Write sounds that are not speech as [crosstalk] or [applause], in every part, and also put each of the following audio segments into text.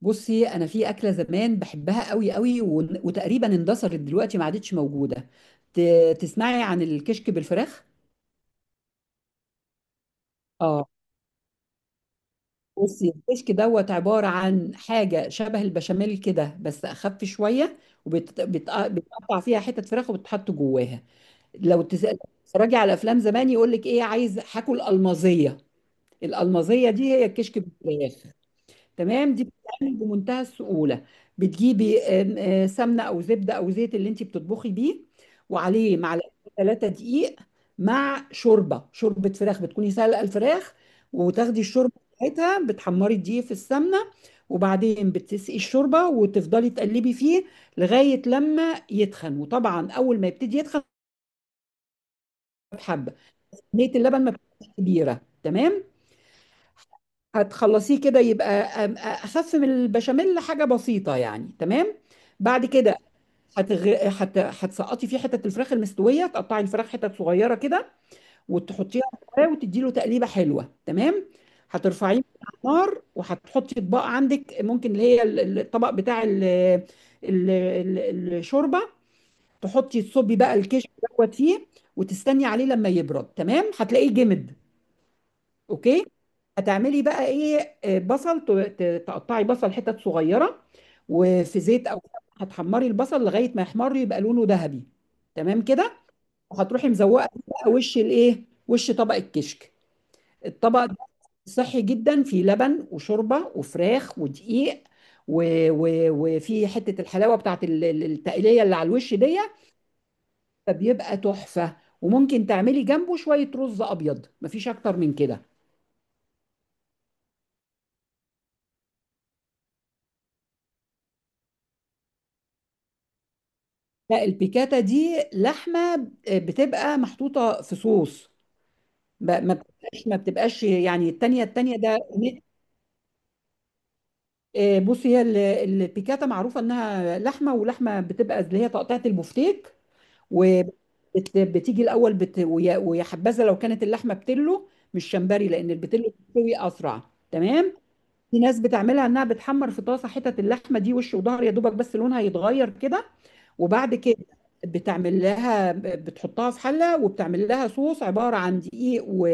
بصي، انا في اكله زمان بحبها قوي قوي وتقريبا اندثرت دلوقتي ما عادتش موجوده. تسمعي عن الكشك بالفراخ؟ اه. بصي، الكشك دوت عباره عن حاجه شبه البشاميل كده بس اخف شويه، وبتقطع فيها حتت فراخ وبتحط جواها. لو تتفرجي على افلام زمان يقول لك ايه: عايز هاكل المازيه. الالمازيه دي هي الكشك بالفراخ. تمام، دي بتتعمل بمنتهى السهولة. بتجيبي آم، آه، سمنة أو زبدة أو زيت اللي أنت بتطبخي بيه، وعليه معلقتين 3 دقيق، مع شوربة فراخ بتكوني سالقة الفراخ، وتاخدي الشوربة بتاعتها بتحمري الدقيق في السمنة، وبعدين بتسقي الشوربة وتفضلي تقلبي فيه لغاية لما يتخن. وطبعا أول ما يبتدي يتخن حبة، كمية اللبن ما بتبقاش كبيرة. تمام، هتخلصيه كده يبقى اخف من البشاميل، حاجه بسيطه يعني. تمام، بعد كده هتسقطي فيه حتة الفراخ المستوية، تقطعي الفراخ حتت صغيرة كده وتحطيها في الفرن وتدي له تقليبة حلوة. تمام، هترفعيه من على النار وهتحطي اطباق عندك، ممكن اللي هي الطبق بتاع الشوربة، تحطي تصبي بقى الكشك دوت فيه وتستني عليه لما يبرد. تمام، هتلاقيه جمد. اوكي، هتعملي بقى ايه؟ بصل، تقطعي بصل حتت صغيره وفي زيت او هتحمري البصل لغايه ما يحمر يبقى لونه ذهبي. تمام كده، وهتروحي مزوقه بقى وش الايه، وش طبق الكشك. الطبق ده صحي جدا، فيه لبن وشوربه وفراخ ودقيق و... و... وفي حته الحلاوه بتاعت التقليه اللي على الوش دي، فبيبقى تحفه. وممكن تعملي جنبه شويه رز ابيض، مفيش اكتر من كده. لا، البيكاتا دي لحمة بتبقى محطوطة في صوص، ما بتبقاش يعني التانية التانية ده. بصي هي البيكاتا معروفة انها لحمة، ولحمة بتبقى اللي هي تقطيعة البفتيك، وبتيجي الأول بت... ويا ويا حبذا لو كانت اللحمة بتلو مش شمبري، لأن البتلو بتستوي أسرع. تمام، في ناس بتعملها انها بتحمر في طاسة حتت اللحمة دي وش وظهر يا دوبك، بس لونها يتغير كده. وبعد كده بتعمل لها، بتحطها في حلة وبتعمل لها صوص عبارة عن دقيق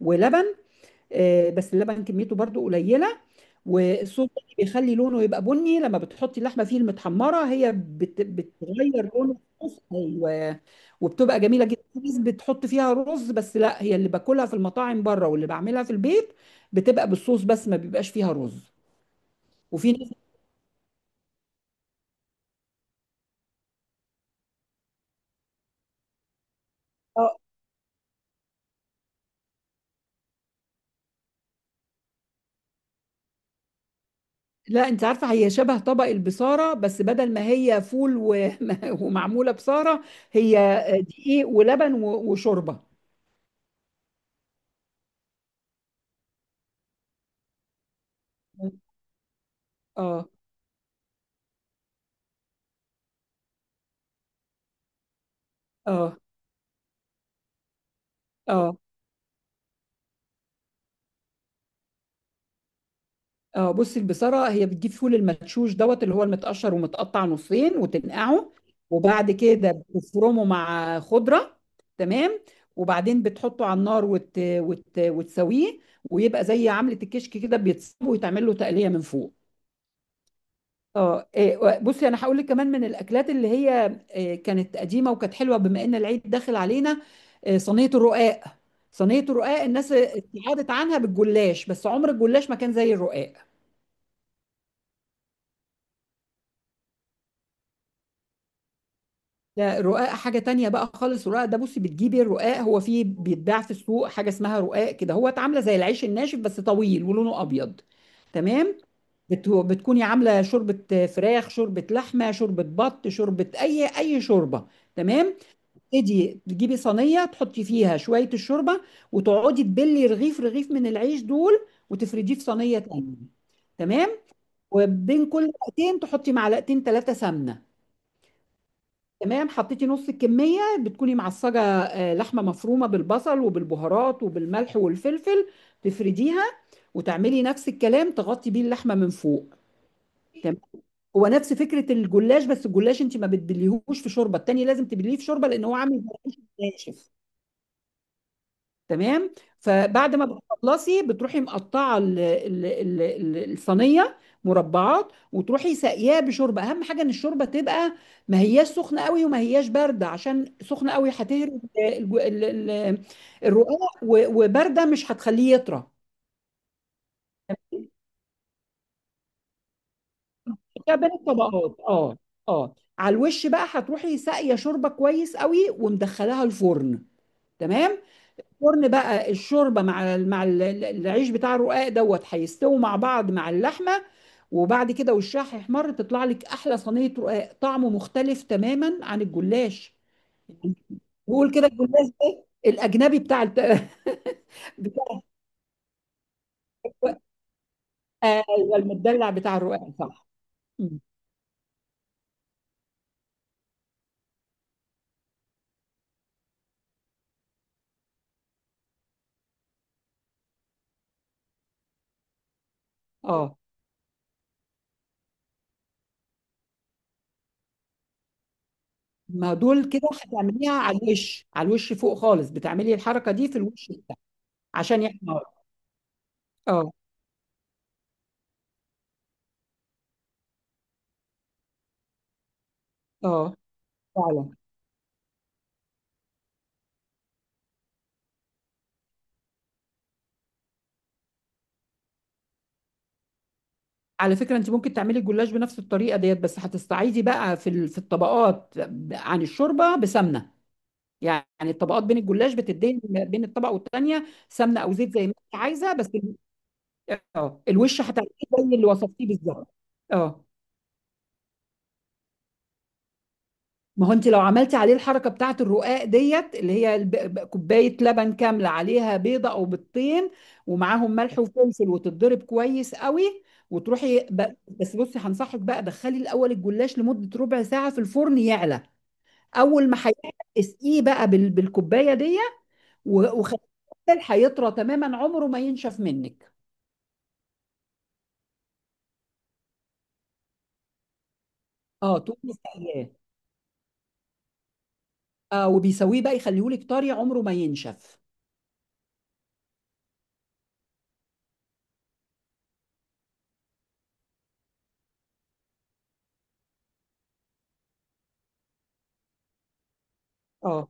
ولبن. بس اللبن كميته برضو قليلة. والصوص ده بيخلي لونه يبقى بني، لما بتحطي اللحمة فيه المتحمرة هي بتغير لون الصوص، ايوه. وبتبقى جميلة جدا. في ناس بتحط فيها رز، بس لا، هي اللي باكلها في المطاعم بره واللي بعملها في البيت بتبقى بالصوص بس ما بيبقاش فيها رز. وفي ناس، لا، انت عارفه هي شبه طبق البصاره، بس بدل ما هي فول [laughs] ومعموله بصاره، هي دقيق ولبن وشوربه. اه. اه. اه. اه. بصي، البصاره هي بتجيب فول المدشوش دوت اللي هو المتقشر ومتقطع نصين وتنقعه، وبعد كده بتفرمه مع خضره. تمام، وبعدين بتحطه على النار وتسويه، ويبقى زي عملة الكشك كده، بيتصب ويتعمل له تقلية من فوق. اه. بصي انا هقول لك كمان من الاكلات اللي هي كانت قديمه وكانت حلوه، بما ان العيد داخل علينا: صينيه الرقاق. صينيه الرقاق الناس ابتعدت عنها بالجلاش، بس عمر الجلاش ما كان زي الرقاق. لا، الرقاق حاجه تانية بقى خالص. الرقاق ده، بصي بتجيبي الرقاق، هو فيه بيتباع في السوق حاجه اسمها رقاق كده، هو عامله زي العيش الناشف بس طويل ولونه ابيض. تمام، بتكوني عامله شوربه فراخ، شوربه لحمه، شوربه بط، شوربه اي شوربه. تمام، تبتدي تجيبي صينيه تحطي فيها شويه الشوربه، وتقعدي تبلي رغيف رغيف من العيش دول وتفرديه في صينيه تانية. تمام، وبين كل وقتين تحطي معلقتين 3 سمنه. تمام، حطيتي نص الكميه، بتكوني معصجه لحمه مفرومه بالبصل وبالبهارات وبالملح والفلفل. تفرديها وتعملي نفس الكلام، تغطي بيه اللحمه من فوق. تمام، هو نفس فكره الجلاش، بس الجلاش انت ما بتبليهوش في شوربه، التاني لازم تبليه في شوربه لان هو عامل زي العيش الناشف. تمام، فبعد ما بتخلصي بتروحي مقطعه الصينيه مربعات، وتروحي ساقياه بشوربه. اهم حاجه ان الشوربه تبقى ما هياش سخنه قوي وما هياش بارده، عشان سخنه قوي هتهري ال- الرقاق، وبارده مش هتخليه يطرى. ده بين الطبقات. اه. اه، على الوش بقى هتروحي ساقيه شوربه كويس قوي، ومدخلاها الفرن. تمام، الفرن بقى الشوربه مع العيش بتاع الرقاق دوت هيستووا مع بعض مع اللحمه، وبعد كده وشها هيحمر، تطلع لك احلى صينيه رقاق طعمه مختلف تماما عن الجلاش. بيقول كده الجلاش ده الاجنبي [laughs] بتاع الرقاق. ايوه، المدلع بتاع الرقاق صح. مم. اه، ما دول كده هتعمليها على الوش، على الوش فوق خالص، بتعملي الحركه دي في الوش بتاعك عشان يحمر. اه. اه، فعلا. على فكرة، انت ممكن تعملي الجلاش بنفس الطريقة ديت، بس هتستعيدي بقى في الطبقات عن الشوربة بسمنة، يعني الطبقات بين الجلاش، بتدي بين الطبقة والتانية سمنة او زيت زي ما انت عايزة، بس الوش هتعمليه زي اللي وصفتيه بالظبط. اه، ما هو انت لو عملتي عليه الحركه بتاعت الرقاق ديت، اللي هي كوبايه لبن كامله عليها بيضه او بيضتين، ومعاهم ملح وفلفل وتتضرب كويس قوي، وتروحي بس بصي هنصحك بقى: دخلي الاول الجلاش لمده ربع ساعه في الفرن يعلى. اول ما هيعلى اسقيه بقى بالكوبايه دي وخليه، هيطرى تماما عمره ما ينشف منك. اه، تقومي سقياه. اه، وبيسويه بقى يخليهولك طري عمره ما ينشف. اه،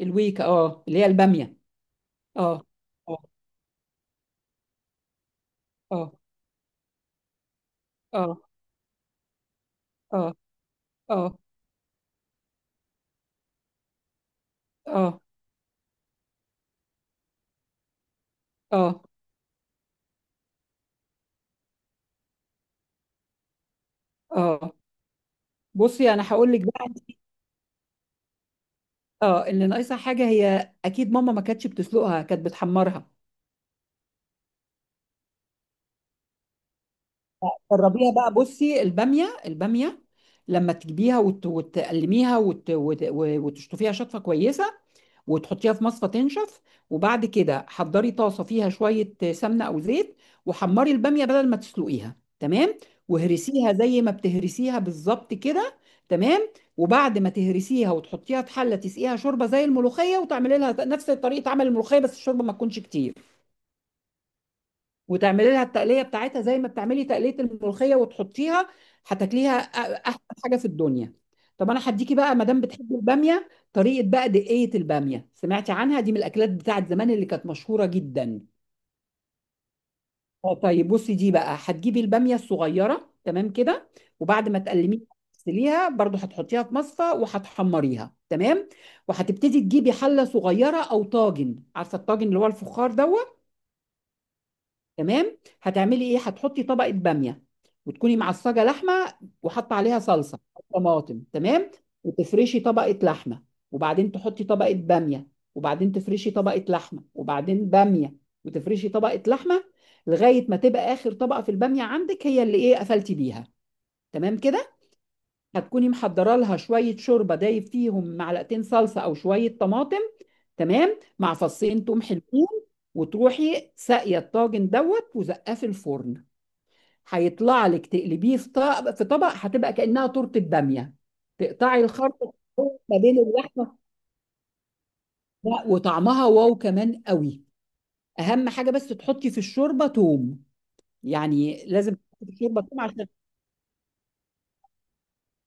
الويكا، اه اللي هي الباميه. اه. اه. اه. اه. اه. اه. اه. اه. بصي انا هقول لك بقى انت، اه اللي ناقصها حاجه هي اكيد ماما ما كانتش بتسلقها، كانت بتحمرها. جربيها بقى. بصي الباميه، الباميه لما تجيبيها وتقلميها وتشطفيها شطفه كويسه وتحطيها في مصفى تنشف، وبعد كده حضري طاسه فيها شويه سمنه او زيت، وحمري الباميه بدل ما تسلقيها. تمام، وهرسيها زي ما بتهرسيها بالظبط كده. تمام، وبعد ما تهرسيها وتحطيها في حله، تسقيها شوربه زي الملوخيه، وتعملي لها نفس طريقه عمل الملوخيه، بس الشوربه ما تكونش كتير. وتعملي لها التقليه بتاعتها زي ما بتعملي تقليه الملوخيه وتحطيها، هتاكليها احسن حاجه في الدنيا. طب انا هديكي بقى، ما دام بتحبي الباميه، طريقه بقى دقيه الباميه، سمعتي عنها؟ دي من الاكلات بتاعت زمان اللي كانت مشهوره جدا. اه، طيب بصي، دي بقى هتجيبي الباميه الصغيره. تمام كده، وبعد ما تقلميها تغسليها برضو، هتحطيها في مصفى وهتحمريها. تمام، وهتبتدي تجيبي حله صغيره او طاجن، عارفه الطاجن اللي هو الفخار دوت. تمام، هتعملي ايه؟ هتحطي طبقه باميه، وتكوني معصجه لحمه وحاطه عليها صلصه أو طماطم. تمام، وتفرشي طبقه لحمه، وبعدين تحطي طبقه باميه، وبعدين تفرشي طبقه لحمه، وبعدين باميه، وتفرشي طبقه لحمه، لغايه ما تبقى اخر طبقه في الباميه عندك هي اللي ايه قفلتي بيها. تمام كده، هتكوني محضره لها شويه شوربه دايب فيهم معلقتين صلصه او شويه طماطم، تمام، مع فصين توم حلوين. وتروحي ساقيه الطاجن دوت وزقاه في الفرن. هيطلع لك تقلبيه في طبق، في طبق هتبقى كأنها تورتة بامية. تقطعي الخرطة ما بين اللحمة، لا وطعمها واو كمان قوي. أهم حاجة بس تحطي في الشوربة توم، يعني لازم تحطي في الشوربة توم عشان.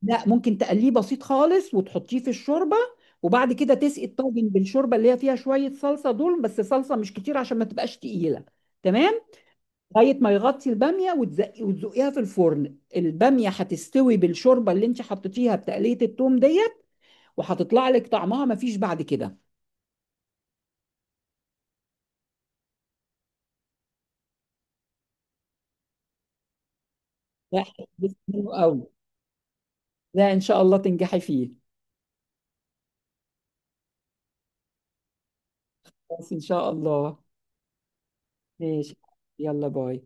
لا، ممكن تقليه بسيط خالص وتحطيه في الشوربة، وبعد كده تسقي الطاجن بالشوربة اللي هي فيها شوية صلصة دول، بس صلصة مش كتير عشان ما تبقاش تقيلة. تمام، لغاية ما يغطي البامية وتزقي وتزقيها في الفرن، البامية هتستوي بالشوربة اللي انت حطيتيها بتقلية التوم دي، وهتطلع لك طعمها ما فيش بعد كده. ده هيحبس منه قوي. لا، ان شاء الله تنجحي فيه. بس ان شاء الله. ماشي، يلا باي.